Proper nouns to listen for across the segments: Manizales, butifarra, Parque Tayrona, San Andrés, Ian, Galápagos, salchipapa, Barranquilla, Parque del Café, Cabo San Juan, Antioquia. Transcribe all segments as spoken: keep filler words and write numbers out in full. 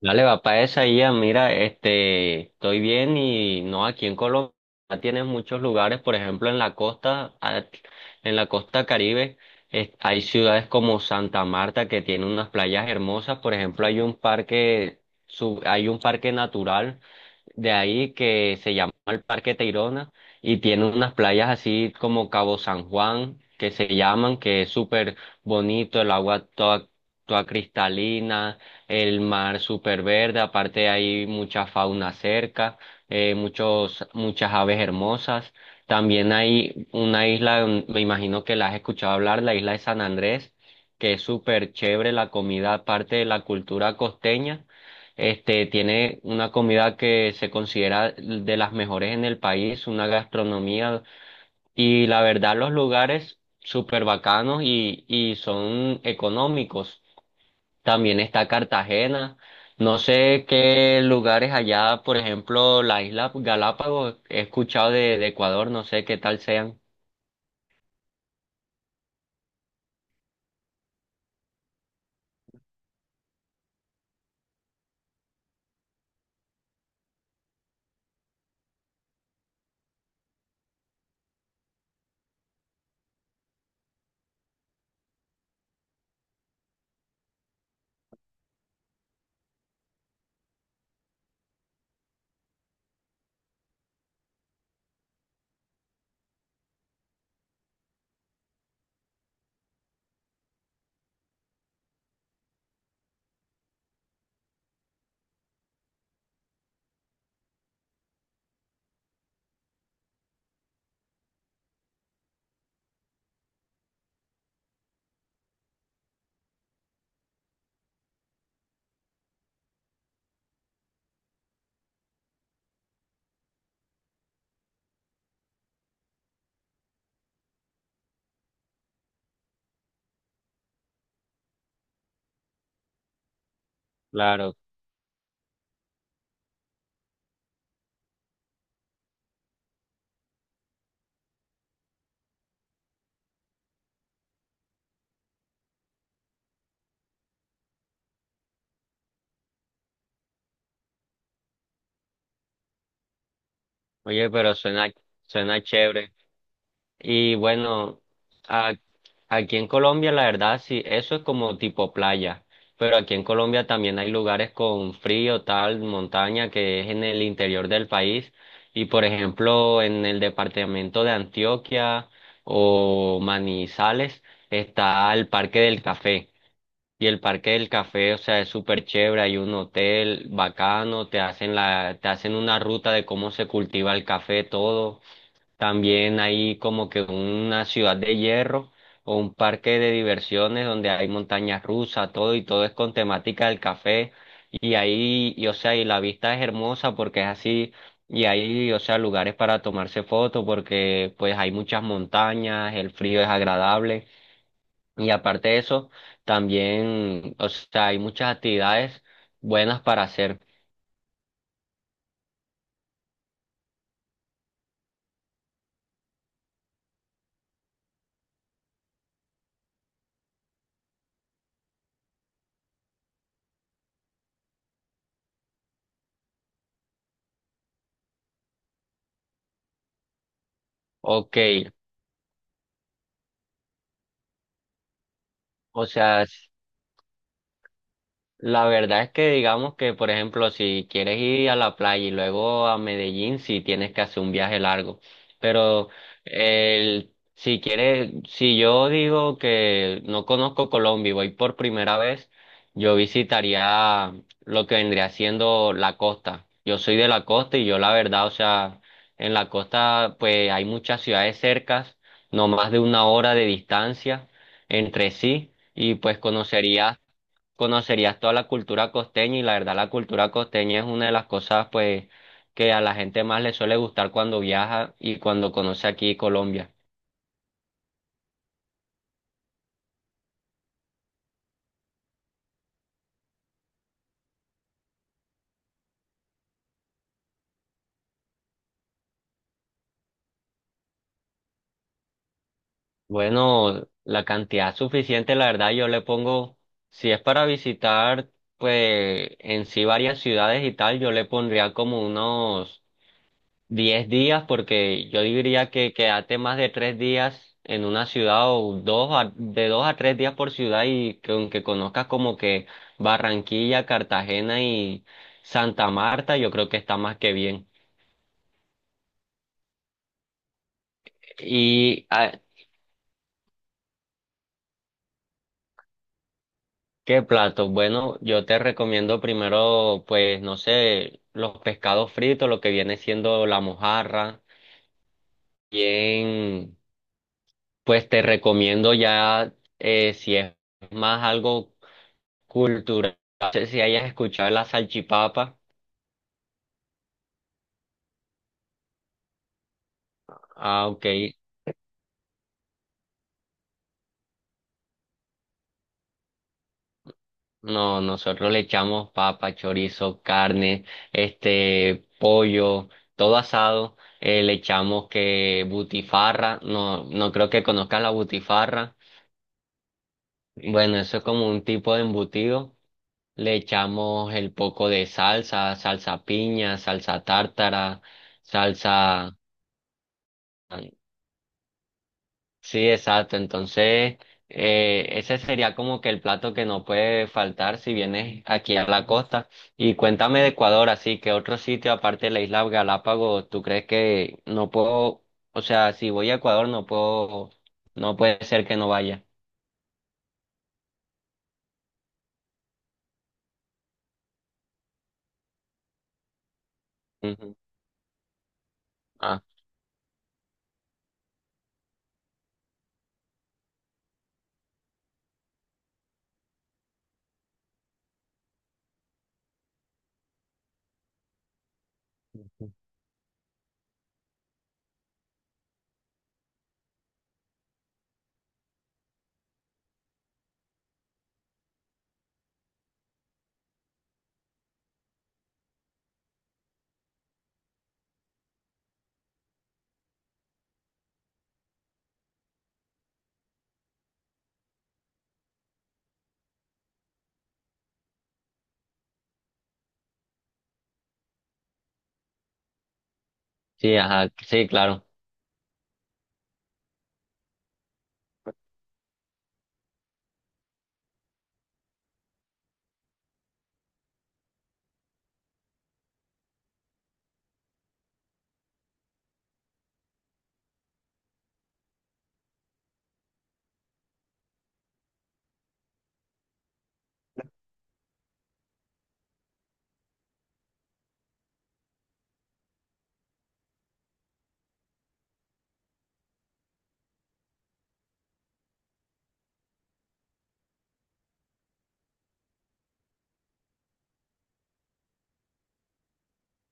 Dale, va para esa ya, mira, este, estoy bien. Y no, aquí en Colombia tienes muchos lugares. Por ejemplo, en la costa, a- en la costa Caribe, es- hay ciudades como Santa Marta que tiene unas playas hermosas. Por ejemplo, hay un parque, sub- hay un parque natural de ahí que se llama el Parque Tayrona y tiene unas playas así como Cabo San Juan que se llaman, que es súper bonito, el agua toda, toda cristalina, el mar súper verde. Aparte, hay mucha fauna cerca, eh, muchos, muchas aves hermosas. También hay una isla, mm, me imagino que la has escuchado hablar, la isla de San Andrés, que es súper chévere la comida, aparte de la cultura costeña. Este, tiene una comida que se considera de las mejores en el país, una gastronomía. Y la verdad los lugares súper bacanos y, y son económicos. También está Cartagena. No sé qué lugares allá, por ejemplo, la isla Galápagos, he escuchado de, de Ecuador, no sé qué tal sean. Claro. Oye, pero suena, suena chévere. Y bueno, a- aquí en Colombia la verdad sí, eso es como tipo playa, pero aquí en Colombia también hay lugares con frío, tal, montaña, que es en el interior del país. Y por ejemplo, en el departamento de Antioquia o Manizales está el Parque del Café. Y el Parque del Café, o sea, es súper chévere, hay un hotel bacano, te hacen la, te hacen una ruta de cómo se cultiva el café, todo. También hay como que una ciudad de hierro o un parque de diversiones donde hay montañas rusas, todo y todo es con temática del café. Y ahí, y, o sea, y la vista es hermosa porque es así. Y ahí, o sea, lugares para tomarse fotos porque pues hay muchas montañas, el frío es agradable. Y aparte de eso, también, o sea, hay muchas actividades buenas para hacer. Ok, o sea... la verdad es que digamos que, por ejemplo, si quieres ir a la playa y luego a Medellín, si tienes que hacer un viaje largo. Pero el, si quieres, si yo digo que no conozco Colombia y voy por primera vez, yo visitaría lo que vendría siendo la costa. Yo soy de la costa y yo la verdad, o sea, en la costa pues hay muchas ciudades cercas, no más de una hora de distancia entre sí, y pues conocería conocerías toda la cultura costeña y la verdad la cultura costeña es una de las cosas pues que a la gente más le suele gustar cuando viaja y cuando conoce aquí Colombia. Bueno, la cantidad suficiente, la verdad yo le pongo, si es para visitar pues en sí varias ciudades y tal, yo le pondría como unos Diez días, porque yo diría que quedarte más de tres días en una ciudad o dos a- de dos a tres días por ciudad y que aunque conozcas como que Barranquilla, Cartagena y Santa Marta, yo creo que está más que bien. ¿Y ah, qué plato? Bueno, yo te recomiendo primero, pues, no sé, los pescados fritos, lo que viene siendo la mojarra, bien. Pues te recomiendo ya, eh, si es más algo cultural, no sé si hayas escuchado la salchipapa. Ah, ok. No, nosotros le echamos papa, chorizo, carne, este, pollo, todo asado. Eh, le echamos que butifarra, no, no creo que conozcas la butifarra. Bueno, eso es como un tipo de embutido. Le echamos el poco de salsa, salsa piña, salsa tártara, salsa... Sí, exacto. Entonces, eh, ese sería como que el plato que no puede faltar si vienes aquí a la costa. Y cuéntame de Ecuador, así que otro sitio aparte de la isla Galápagos, ¿tú crees que no puedo, o sea, si voy a Ecuador no puedo, no puede ser que no vaya? Ujú. Ah, sí, ajá, sí, claro.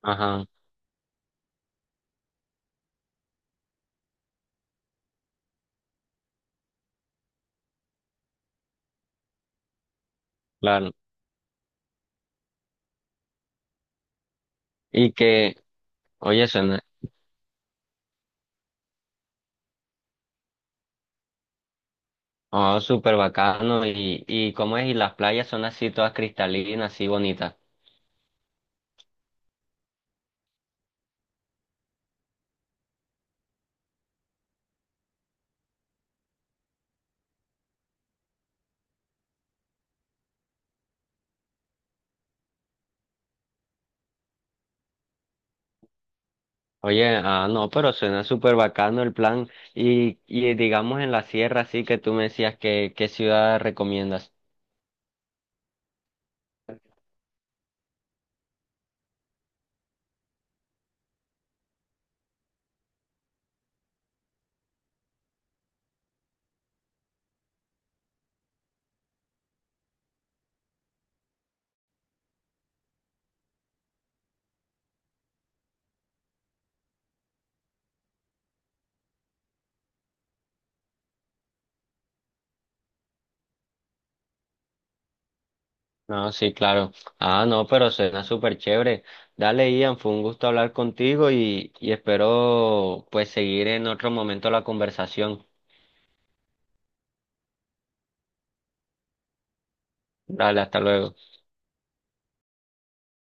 Ajá. Claro. Y que, oye, suena oh, súper bacano. Y, y cómo es, y las playas son así todas cristalinas, así bonitas. Oye, ah, no, pero suena súper bacano el plan. Y, y digamos en la sierra, así que tú me decías que, qué ciudad recomiendas. No, sí, claro. Ah, no, pero suena súper chévere. Dale, Ian, fue un gusto hablar contigo y, y espero pues seguir en otro momento la conversación. Dale, hasta luego.